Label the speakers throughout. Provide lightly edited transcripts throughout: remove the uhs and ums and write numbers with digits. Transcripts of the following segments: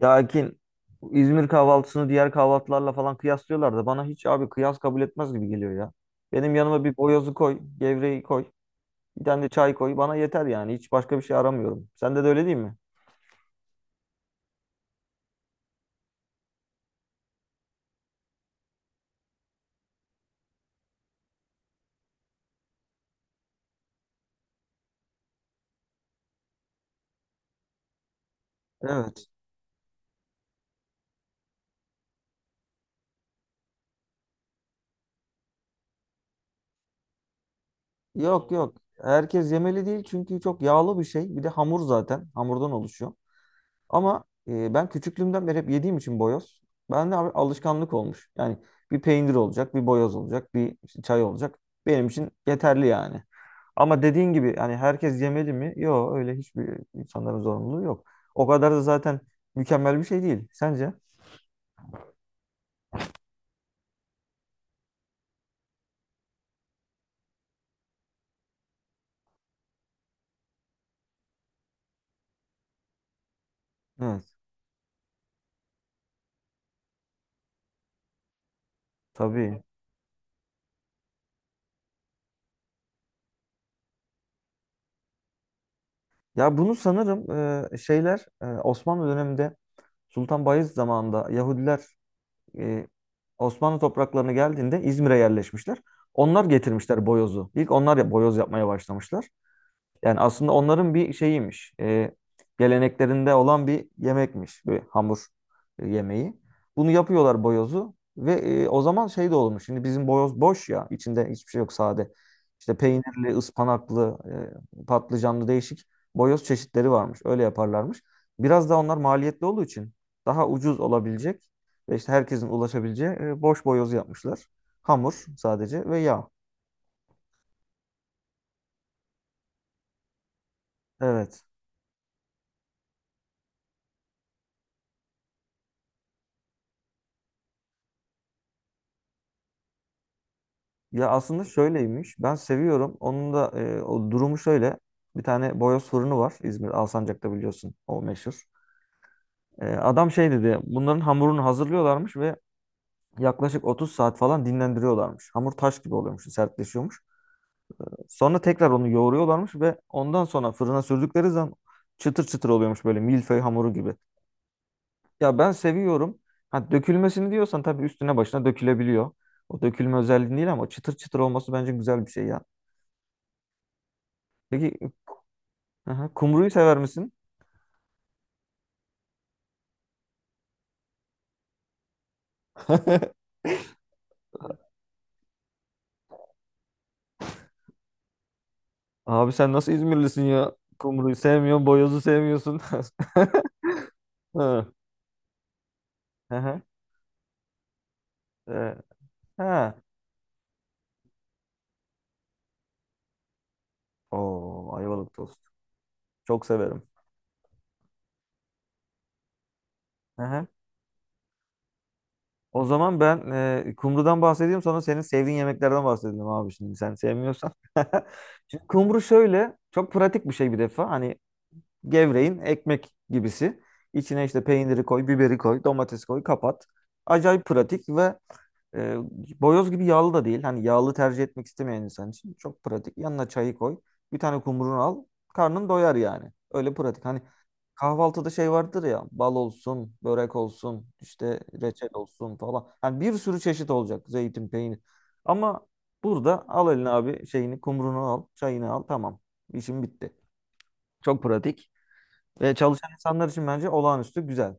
Speaker 1: Ya Akin İzmir kahvaltısını diğer kahvaltılarla falan kıyaslıyorlar da bana hiç abi kıyas kabul etmez gibi geliyor ya. Benim yanıma bir boyozu koy, gevreği koy, bir tane de çay koy bana yeter yani hiç başka bir şey aramıyorum. Sende de öyle değil mi? Evet. Yok yok. Herkes yemeli değil çünkü çok yağlı bir şey. Bir de hamur zaten. Hamurdan oluşuyor. Ama ben küçüklüğümden beri hep yediğim için boyoz. Bende abi alışkanlık olmuş. Yani bir peynir olacak, bir boyoz olacak, bir işte çay olacak. Benim için yeterli yani. Ama dediğin gibi hani herkes yemeli mi? Yok öyle hiçbir insanların zorunluluğu yok. O kadar da zaten mükemmel bir şey değil. Sence? Evet, tabii. Ya bunu sanırım şeyler Osmanlı döneminde Sultan Bayezid zamanında Yahudiler e, Osmanlı topraklarına geldiğinde İzmir'e yerleşmişler. Onlar getirmişler boyozu. İlk onlar ya boyoz yapmaya başlamışlar. Yani aslında onların bir şeyiymiş. Geleneklerinde olan bir yemekmiş. Bir hamur yemeği. Bunu yapıyorlar boyozu. Ve o zaman şey de olmuş. Şimdi bizim boyoz boş ya. İçinde hiçbir şey yok sade. İşte peynirli, ıspanaklı, patlıcanlı değişik boyoz çeşitleri varmış. Öyle yaparlarmış. Biraz da onlar maliyetli olduğu için daha ucuz olabilecek ve işte herkesin ulaşabileceği boş boyoz yapmışlar. Hamur sadece ve yağ. Evet. Ya aslında şöyleymiş. Ben seviyorum. Onun da o durumu şöyle. Bir tane boyoz fırını var. İzmir Alsancak'ta biliyorsun. O meşhur. E, adam şey dedi. Bunların hamurunu hazırlıyorlarmış ve yaklaşık 30 saat falan dinlendiriyorlarmış. Hamur taş gibi oluyormuş, sertleşiyormuş. Sonra tekrar onu yoğuruyorlarmış ve ondan sonra fırına sürdükleri zaman çıtır çıtır oluyormuş böyle milföy hamuru gibi. Ya ben seviyorum. Ha, dökülmesini diyorsan tabii üstüne başına dökülebiliyor. O dökülme özelliği değil ama çıtır çıtır olması bence güzel bir şey ya. Peki. Aha, kumruyu sever misin? Abi sen nasıl İzmirlisin ya? Kumruyu sevmiyorsun, boyozu sevmiyorsun. Ha. Aha. Ee, ha. Oo, ayvalık tost. Çok severim. Aha. O zaman ben kumrudan bahsedeyim sonra senin sevdiğin yemeklerden bahsedelim abi şimdi sen sevmiyorsan. Şimdi kumru şöyle çok pratik bir şey bir defa. Hani gevreğin ekmek gibisi. İçine işte peyniri koy, biberi koy, domates koy, kapat. Acayip pratik ve E, boyoz gibi yağlı da değil. Hani yağlı tercih etmek istemeyen insan için çok pratik. Yanına çayı koy. Bir tane kumrunu al. Karnın doyar yani. Öyle pratik. Hani kahvaltıda şey vardır ya. Bal olsun, börek olsun, işte reçel olsun falan. Yani bir sürü çeşit olacak. Zeytin, peynir. Ama burada al eline abi şeyini, kumrunu al, çayını al. Tamam. İşim bitti. Çok pratik. Ve çalışan insanlar için bence olağanüstü güzel.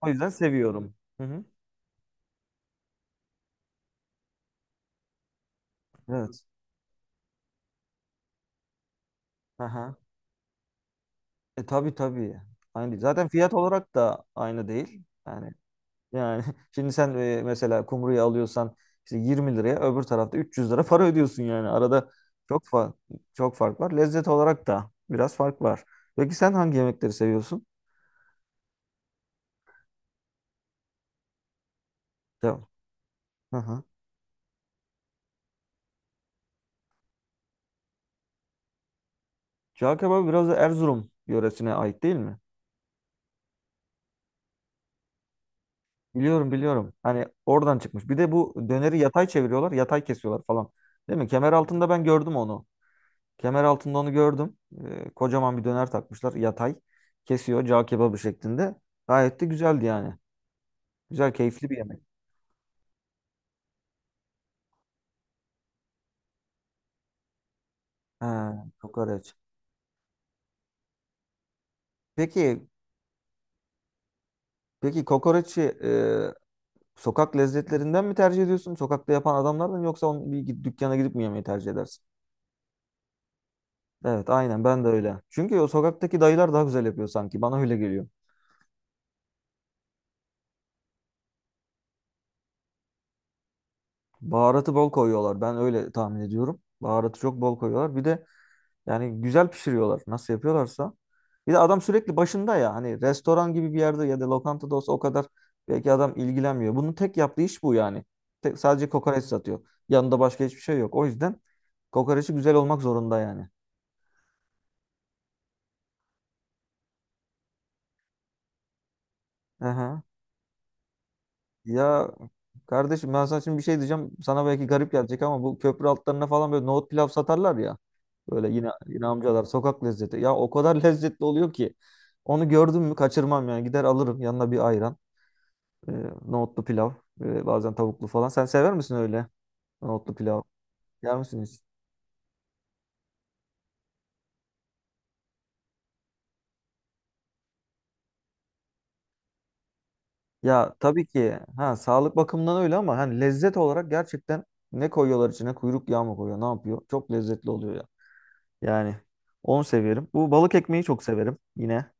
Speaker 1: O yüzden seviyorum. Hı hı. Evet. Aha. E tabii tabii. Aynı değil. Zaten fiyat olarak da aynı değil. Yani şimdi sen mesela kumruyu alıyorsan işte 20 liraya öbür tarafta 300 lira para ödüyorsun yani. Arada çok fa çok fark var. Lezzet olarak da biraz fark var. Peki sen hangi yemekleri seviyorsun? Tamam. Hı hı. Cağ kebabı biraz da Erzurum yöresine ait değil mi? Biliyorum biliyorum. Hani oradan çıkmış. Bir de bu döneri yatay çeviriyorlar, yatay kesiyorlar falan. Değil mi? Kemer altında ben gördüm onu. Kemer altında onu gördüm. Kocaman bir döner takmışlar. Yatay. Kesiyor. Cağ kebabı şeklinde. Gayet de güzeldi yani. Güzel, keyifli bir yemek. Ha, kokoreç. Peki, peki, kokoreçi sokak lezzetlerinden mi tercih ediyorsun? Sokakta yapan adamlardan mı yoksa onu bir dükkana gidip mi yemeyi tercih edersin? Evet, aynen ben de öyle. Çünkü o sokaktaki dayılar daha güzel yapıyor sanki. Bana öyle geliyor. Baharatı bol koyuyorlar. Ben öyle tahmin ediyorum. Baharatı çok bol koyuyorlar. Bir de yani güzel pişiriyorlar. Nasıl yapıyorlarsa. Bir de adam sürekli başında ya. Hani restoran gibi bir yerde ya da lokantada olsa o kadar belki adam ilgilenmiyor. Bunun tek yaptığı iş bu yani. Tek, sadece kokoreç satıyor. Yanında başka hiçbir şey yok. O yüzden kokoreçi güzel olmak zorunda yani. Aha. Ya kardeşim ben sana şimdi bir şey diyeceğim. Sana belki garip gelecek ama bu köprü altlarına falan böyle nohut pilav satarlar ya. Böyle yine yine amcalar sokak lezzeti. Ya o kadar lezzetli oluyor ki. Onu gördüm mü kaçırmam yani. Gider alırım yanına bir ayran. E, nohutlu pilav. Bazen tavuklu falan. Sen sever misin öyle nohutlu pilav? Yer misin hiç? Ya tabii ki ha sağlık bakımından öyle ama hani lezzet olarak gerçekten ne koyuyorlar içine? Kuyruk yağı mı koyuyor? Ne yapıyor? Çok lezzetli oluyor ya. Yani onu severim. Bu balık ekmeği çok severim. Yine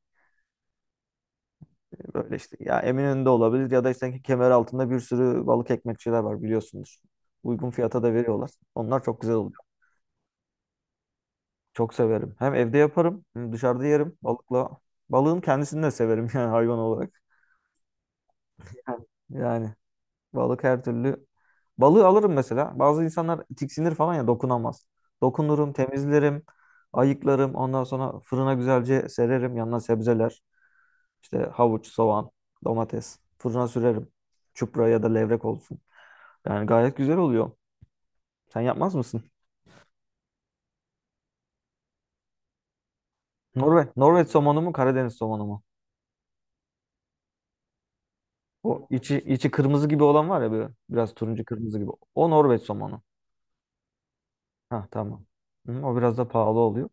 Speaker 1: böyle işte ya Eminönü'nde olabilir ya da işte kemer altında bir sürü balık ekmekçiler var biliyorsunuz. Uygun fiyata da veriyorlar. Onlar çok güzel oluyor. Çok severim. Hem evde yaparım, hem dışarıda yerim balıkla. Balığın kendisini de severim yani hayvan olarak. Evet. Yani balık her türlü. Balığı alırım mesela. Bazı insanlar tiksinir falan ya dokunamaz. Dokunurum, temizlerim, ayıklarım. Ondan sonra fırına güzelce sererim. Yanına sebzeler, işte havuç, soğan, domates. Fırına sürerim. Çupra ya da levrek olsun. Yani gayet güzel oluyor. Sen yapmaz mısın? Norveç somonu mu, Karadeniz somonu mu? O içi içi kırmızı gibi olan var ya böyle biraz turuncu kırmızı gibi. O Norveç somonu. Ha tamam. Hı, o biraz da pahalı oluyor.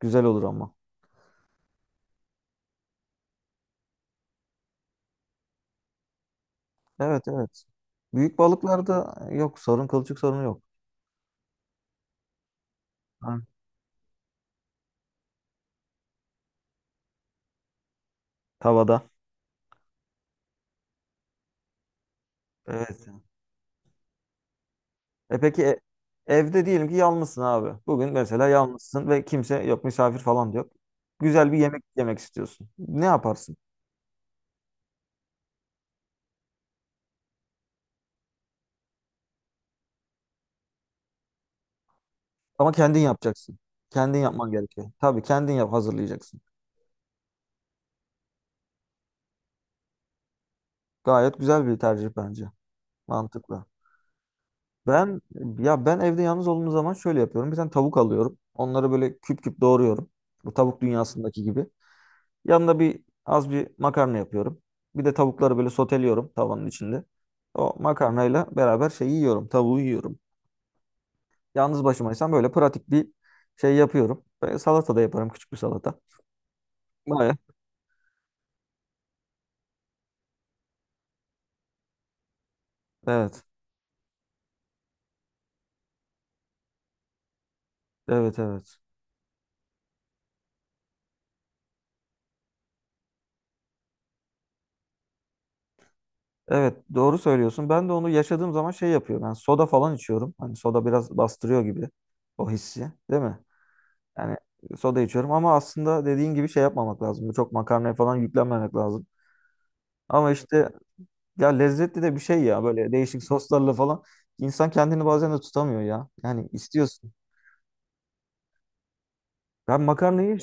Speaker 1: Güzel olur ama. Evet evet. Büyük balıklarda yok sorun kılçık sorunu yok. Ha, tavada. Evet. E peki evde diyelim ki yalnızsın abi. Bugün mesela yalnızsın ve kimse yok misafir falan da yok. Güzel bir yemek yemek istiyorsun. Ne yaparsın? Ama kendin yapacaksın. Kendin yapman gerekiyor. Tabii kendin yap hazırlayacaksın. Gayet güzel bir tercih bence. Mantıklı. Ben ya ben evde yalnız olduğum zaman şöyle yapıyorum. Bir tane tavuk alıyorum. Onları böyle küp küp doğruyorum. Bu tavuk dünyasındaki gibi. Yanına bir az bir makarna yapıyorum. Bir de tavukları böyle soteliyorum tavanın içinde. O makarnayla beraber şey yiyorum, tavuğu yiyorum. Yalnız başımaysam böyle pratik bir şey yapıyorum. Böyle salata da yaparım, küçük bir salata. Baya. Evet, evet, evet. Evet, doğru söylüyorsun. Ben de onu yaşadığım zaman şey yapıyorum. Yani soda falan içiyorum. Hani soda biraz bastırıyor gibi o hissi, değil mi? Yani soda içiyorum ama aslında dediğin gibi şey yapmamak lazım. Çok makarnaya falan yüklenmemek lazım. Ama işte ya lezzetli de bir şey ya böyle değişik soslarla falan. İnsan kendini bazen de tutamıyor ya. Yani istiyorsun. Ben makarnayı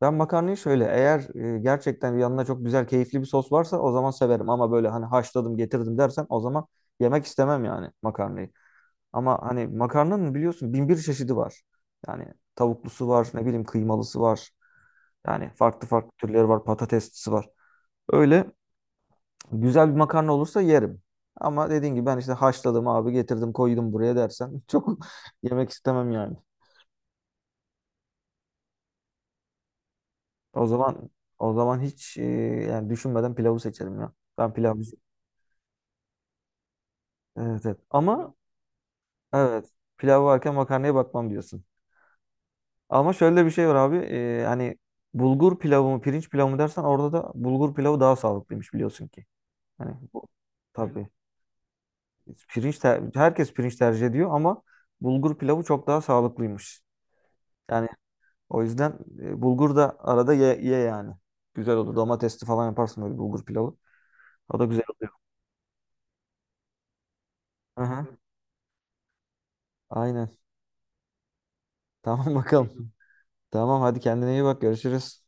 Speaker 1: ben makarnayı şöyle eğer gerçekten yanına çok güzel keyifli bir sos varsa o zaman severim ama böyle hani haşladım getirdim dersen o zaman yemek istemem yani makarnayı. Ama hani makarnanın biliyorsun bin bir çeşidi var. Yani tavuklusu var, ne bileyim kıymalısı var. Yani farklı farklı türleri var, patateslisi var. Öyle güzel bir makarna olursa yerim. Ama dediğin gibi ben işte haşladım abi getirdim koydum buraya dersen çok yemek istemem yani. O zaman o zaman hiç yani düşünmeden pilavı seçerim ya. Ben pilavı. Evet, evet. Ama evet pilav varken makarnaya bakmam diyorsun. Ama şöyle bir şey var abi hani bulgur pilavı mı pirinç pilavı mı dersen orada da bulgur pilavı daha sağlıklıymış biliyorsun ki. Hani bu tabii herkes pirinç tercih ediyor ama bulgur pilavı çok daha sağlıklıymış. Yani o yüzden bulgur da arada ye, ye yani. Güzel olur. Domatesli falan yaparsın böyle bulgur pilavı. O da güzel olur. Aha, aynen. Tamam bakalım. Tamam hadi kendine iyi bak. Görüşürüz.